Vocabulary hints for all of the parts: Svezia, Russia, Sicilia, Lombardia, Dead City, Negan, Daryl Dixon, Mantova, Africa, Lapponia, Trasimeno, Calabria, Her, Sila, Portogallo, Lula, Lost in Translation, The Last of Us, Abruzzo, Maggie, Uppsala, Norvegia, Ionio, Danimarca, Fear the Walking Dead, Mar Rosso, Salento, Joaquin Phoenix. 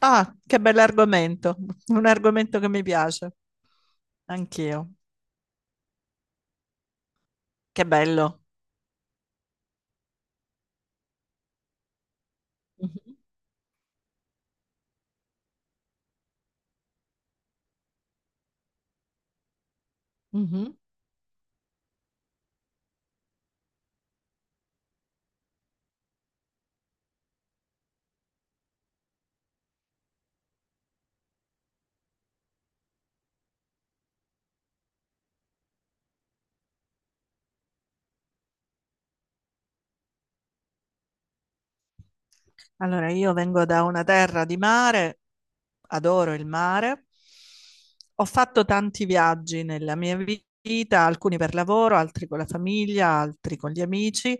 Ah, che bell'argomento, un argomento che mi piace, anch'io. Che bello. Mhm, mhm. Allora, io vengo da una terra di mare, adoro il mare. Ho fatto tanti viaggi nella mia vita, alcuni per lavoro, altri con la famiglia, altri con gli amici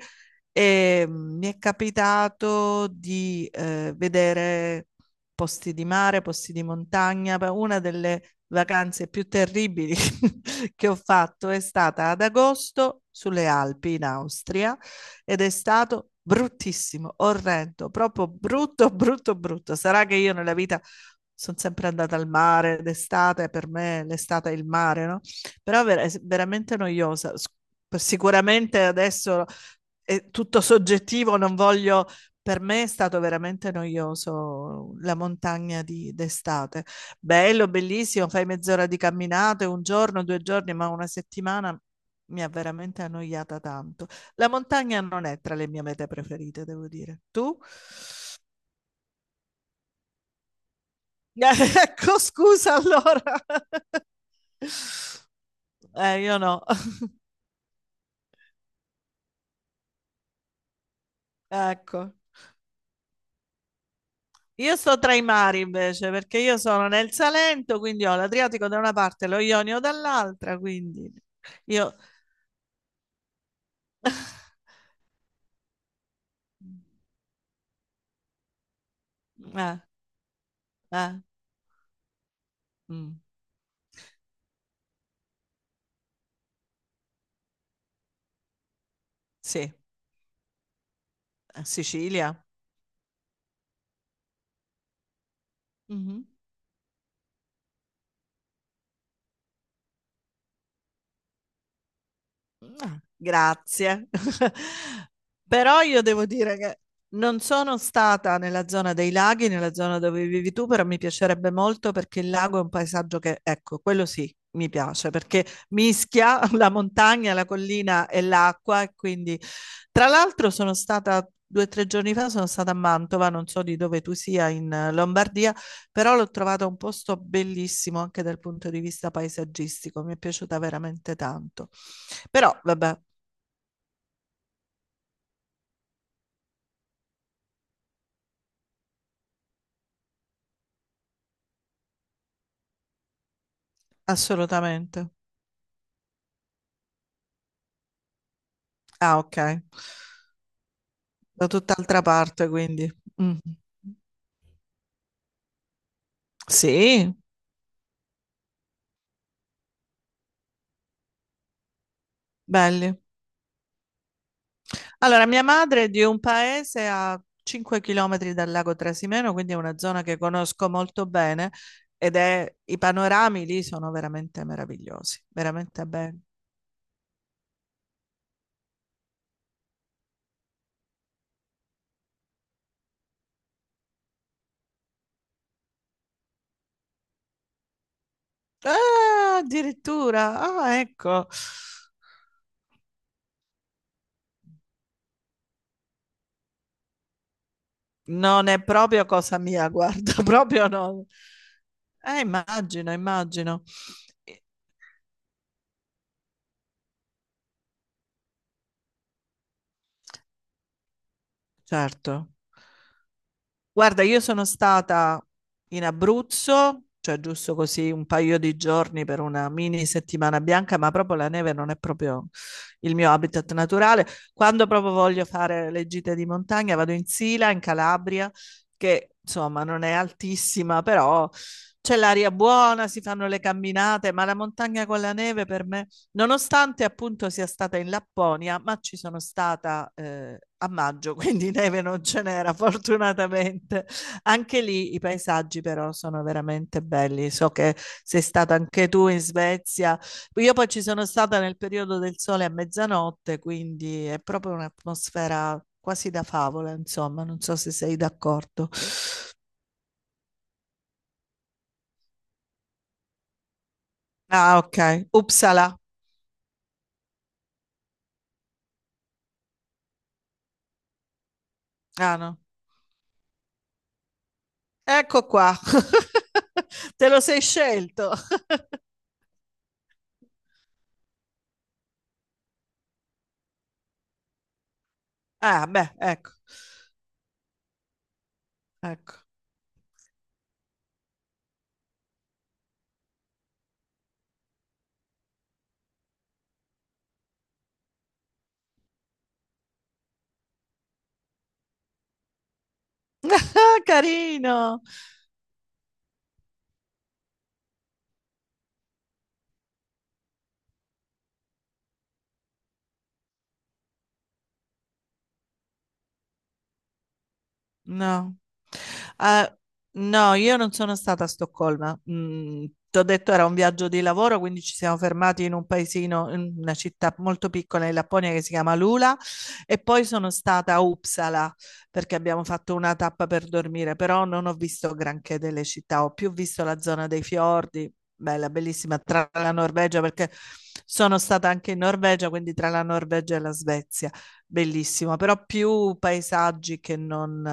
e mi è capitato di vedere posti di mare, posti di montagna. Beh, una delle vacanze più terribili che ho fatto è stata ad agosto sulle Alpi in Austria ed è stato bruttissimo, orrendo, proprio brutto, brutto, brutto. Sarà che io nella vita sono sempre andata al mare d'estate, per me l'estate è il mare, no? Però è veramente noiosa. Sicuramente adesso è tutto soggettivo, non voglio. Per me è stato veramente noioso la montagna d'estate. Bello, bellissimo, fai mezz'ora di camminate, un giorno, 2 giorni, ma una settimana mi ha veramente annoiata tanto. La montagna non è tra le mie mete preferite, devo dire. Tu? Ecco, scusa allora. Eh, io no. Ecco. Io sto tra i mari invece, perché io sono nel Salento, quindi ho l'Adriatico da una parte e lo Ionio dall'altra, quindi io. Eh, eh, mm, sì, Sicilia. Mhm. Ah, grazie. Però io devo dire che non sono stata nella zona dei laghi, nella zona dove vivi tu, però mi piacerebbe molto perché il lago è un paesaggio che, ecco, quello sì, mi piace perché mischia la montagna, la collina e l'acqua e quindi, tra l'altro, sono stata 2 o 3 giorni fa, sono stata a Mantova, non so di dove tu sia in Lombardia, però l'ho trovata un posto bellissimo anche dal punto di vista paesaggistico, mi è piaciuta veramente tanto. Però vabbè, assolutamente. Ah, ok. Da tutt'altra parte, quindi. Mm. Sì, belli. Allora, mia madre è di un paese a 5 km dal lago Trasimeno, quindi è una zona che conosco molto bene i panorami lì sono veramente meravigliosi, veramente belli. Ah, addirittura, ah, ecco. Non è proprio cosa mia, guarda, proprio no. Immagino, immagino. Certo. Guarda, io sono stata in Abruzzo, cioè giusto così un paio di giorni per una mini settimana bianca, ma proprio la neve non è proprio il mio habitat naturale. Quando proprio voglio fare le gite di montagna, vado in Sila, in Calabria, che insomma non è altissima, però c'è l'aria buona, si fanno le camminate, ma la montagna con la neve per me. Nonostante appunto sia stata in Lapponia, ma ci sono stata a maggio, quindi neve non ce n'era fortunatamente. Anche lì i paesaggi però sono veramente belli. So che sei stata anche tu in Svezia. Io poi ci sono stata nel periodo del sole a mezzanotte, quindi è proprio un'atmosfera quasi da favola, insomma, non so se sei d'accordo. Ah, ok. Uppsala. Ah, no. Ecco qua. Te lo sei scelto. Ah beh, ecco, ecco. Carino. No. Eh, no, io non sono stata a Stoccolma. Ti ho detto era un viaggio di lavoro, quindi ci siamo fermati in un paesino, in una città molto piccola in Lapponia che si chiama Lula e poi sono stata a Uppsala perché abbiamo fatto una tappa per dormire, però non ho visto granché delle città, ho più visto la zona dei fiordi, bella, bellissima, tra la Norvegia perché sono stata anche in Norvegia, quindi tra la Norvegia e la Svezia bellissimo, però più paesaggi che non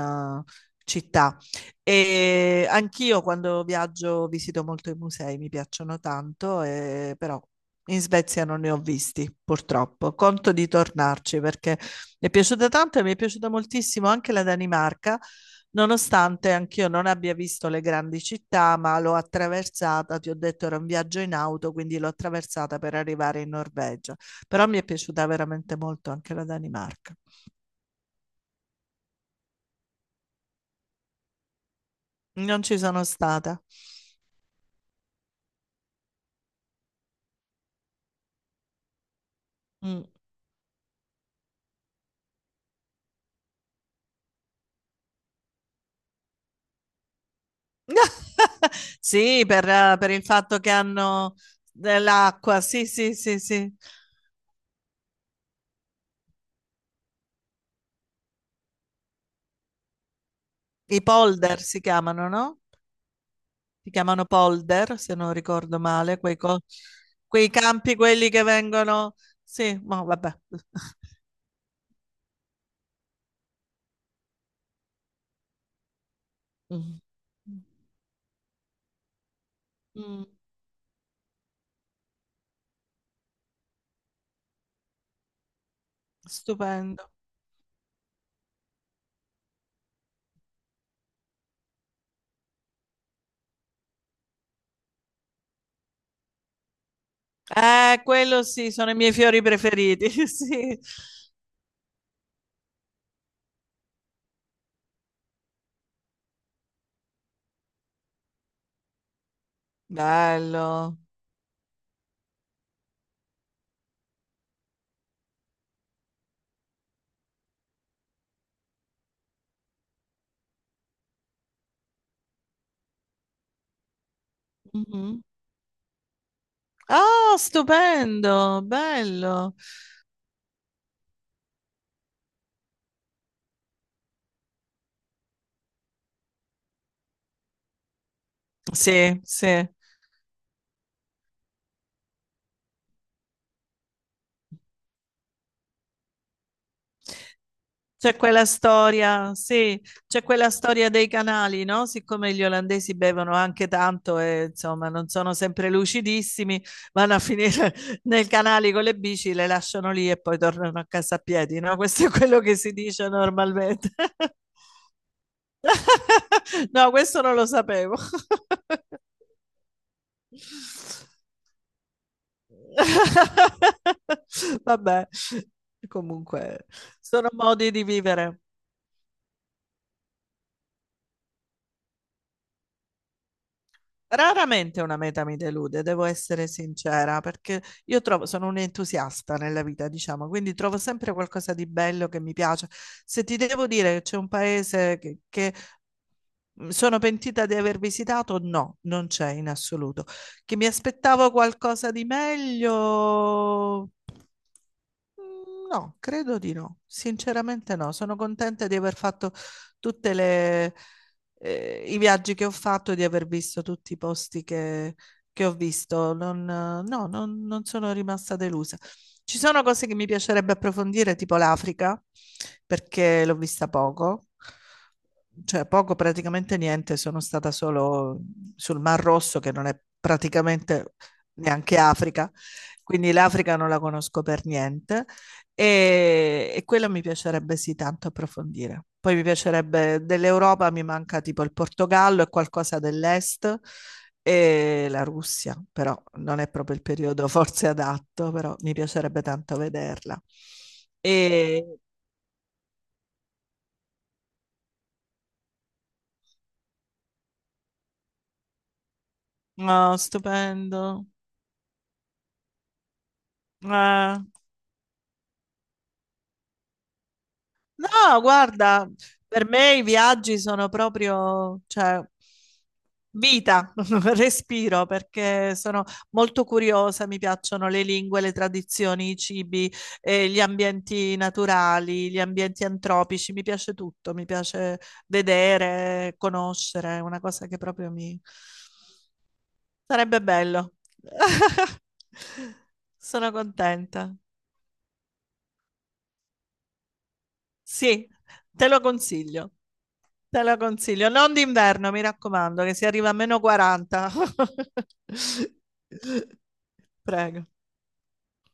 eh, città. E anch'io quando viaggio visito molto i musei, mi piacciono tanto, però in Svezia non ne ho visti, purtroppo. Conto di tornarci perché mi è piaciuta tanto e mi è piaciuta moltissimo anche la Danimarca, nonostante anch'io non abbia visto le grandi città, ma l'ho attraversata, ti ho detto era un viaggio in auto, quindi l'ho attraversata per arrivare in Norvegia. Però mi è piaciuta veramente molto anche la Danimarca. Non ci sono stata. Mm. Sì, per il fatto che hanno dell'acqua. Sì, sì, sì, sì. I polder si chiamano, no? Si chiamano polder, se non ricordo male, quei campi, quelli che vengono. Sì, ma vabbè. Mm. Mm, Stupendo. Quello sì, sono i miei fiori preferiti. Sì. Bello. Mhm. Ah, stupendo, bello. Sì, sì. C'è quella storia, sì, c'è quella storia dei canali, no? Siccome gli olandesi bevono anche tanto e insomma non sono sempre lucidissimi, vanno a finire nei canali con le bici, le lasciano lì e poi tornano a casa a piedi, no? Questo è quello che si dice normalmente. No, questo non lo sapevo. Vabbè, comunque sono modi di vivere. Raramente una meta mi delude, devo essere sincera, perché io trovo, sono un entusiasta nella vita, diciamo, quindi trovo sempre qualcosa di bello che mi piace. Se ti devo dire che c'è un paese che mi sono pentita di aver visitato, no, non c'è in assoluto. Che mi aspettavo qualcosa di meglio. No, credo di no. Sinceramente no. Sono contenta di aver fatto tutte i viaggi che ho fatto e di aver visto tutti i posti che ho visto. Non, no, non, non sono rimasta delusa. Ci sono cose che mi piacerebbe approfondire, tipo l'Africa, perché l'ho vista poco. Cioè, poco, praticamente niente. Sono stata solo sul Mar Rosso, che non è praticamente neanche Africa. Quindi l'Africa non la conosco per niente. E quella mi piacerebbe sì tanto approfondire. Poi mi piacerebbe dell'Europa, mi manca tipo il Portogallo e qualcosa dell'Est e la Russia, però non è proprio il periodo forse adatto, però mi piacerebbe tanto vederla. E no, stupendo. No, guarda, per me i viaggi sono proprio, cioè, vita, respiro perché sono molto curiosa, mi piacciono le lingue, le tradizioni, i cibi, gli ambienti naturali, gli ambienti antropici, mi piace tutto, mi piace vedere, conoscere, è una cosa che proprio mi. Sarebbe bello. Sono contenta. Sì, te lo consiglio, te lo consiglio. Non d'inverno, mi raccomando, che si arriva a meno 40. Prego.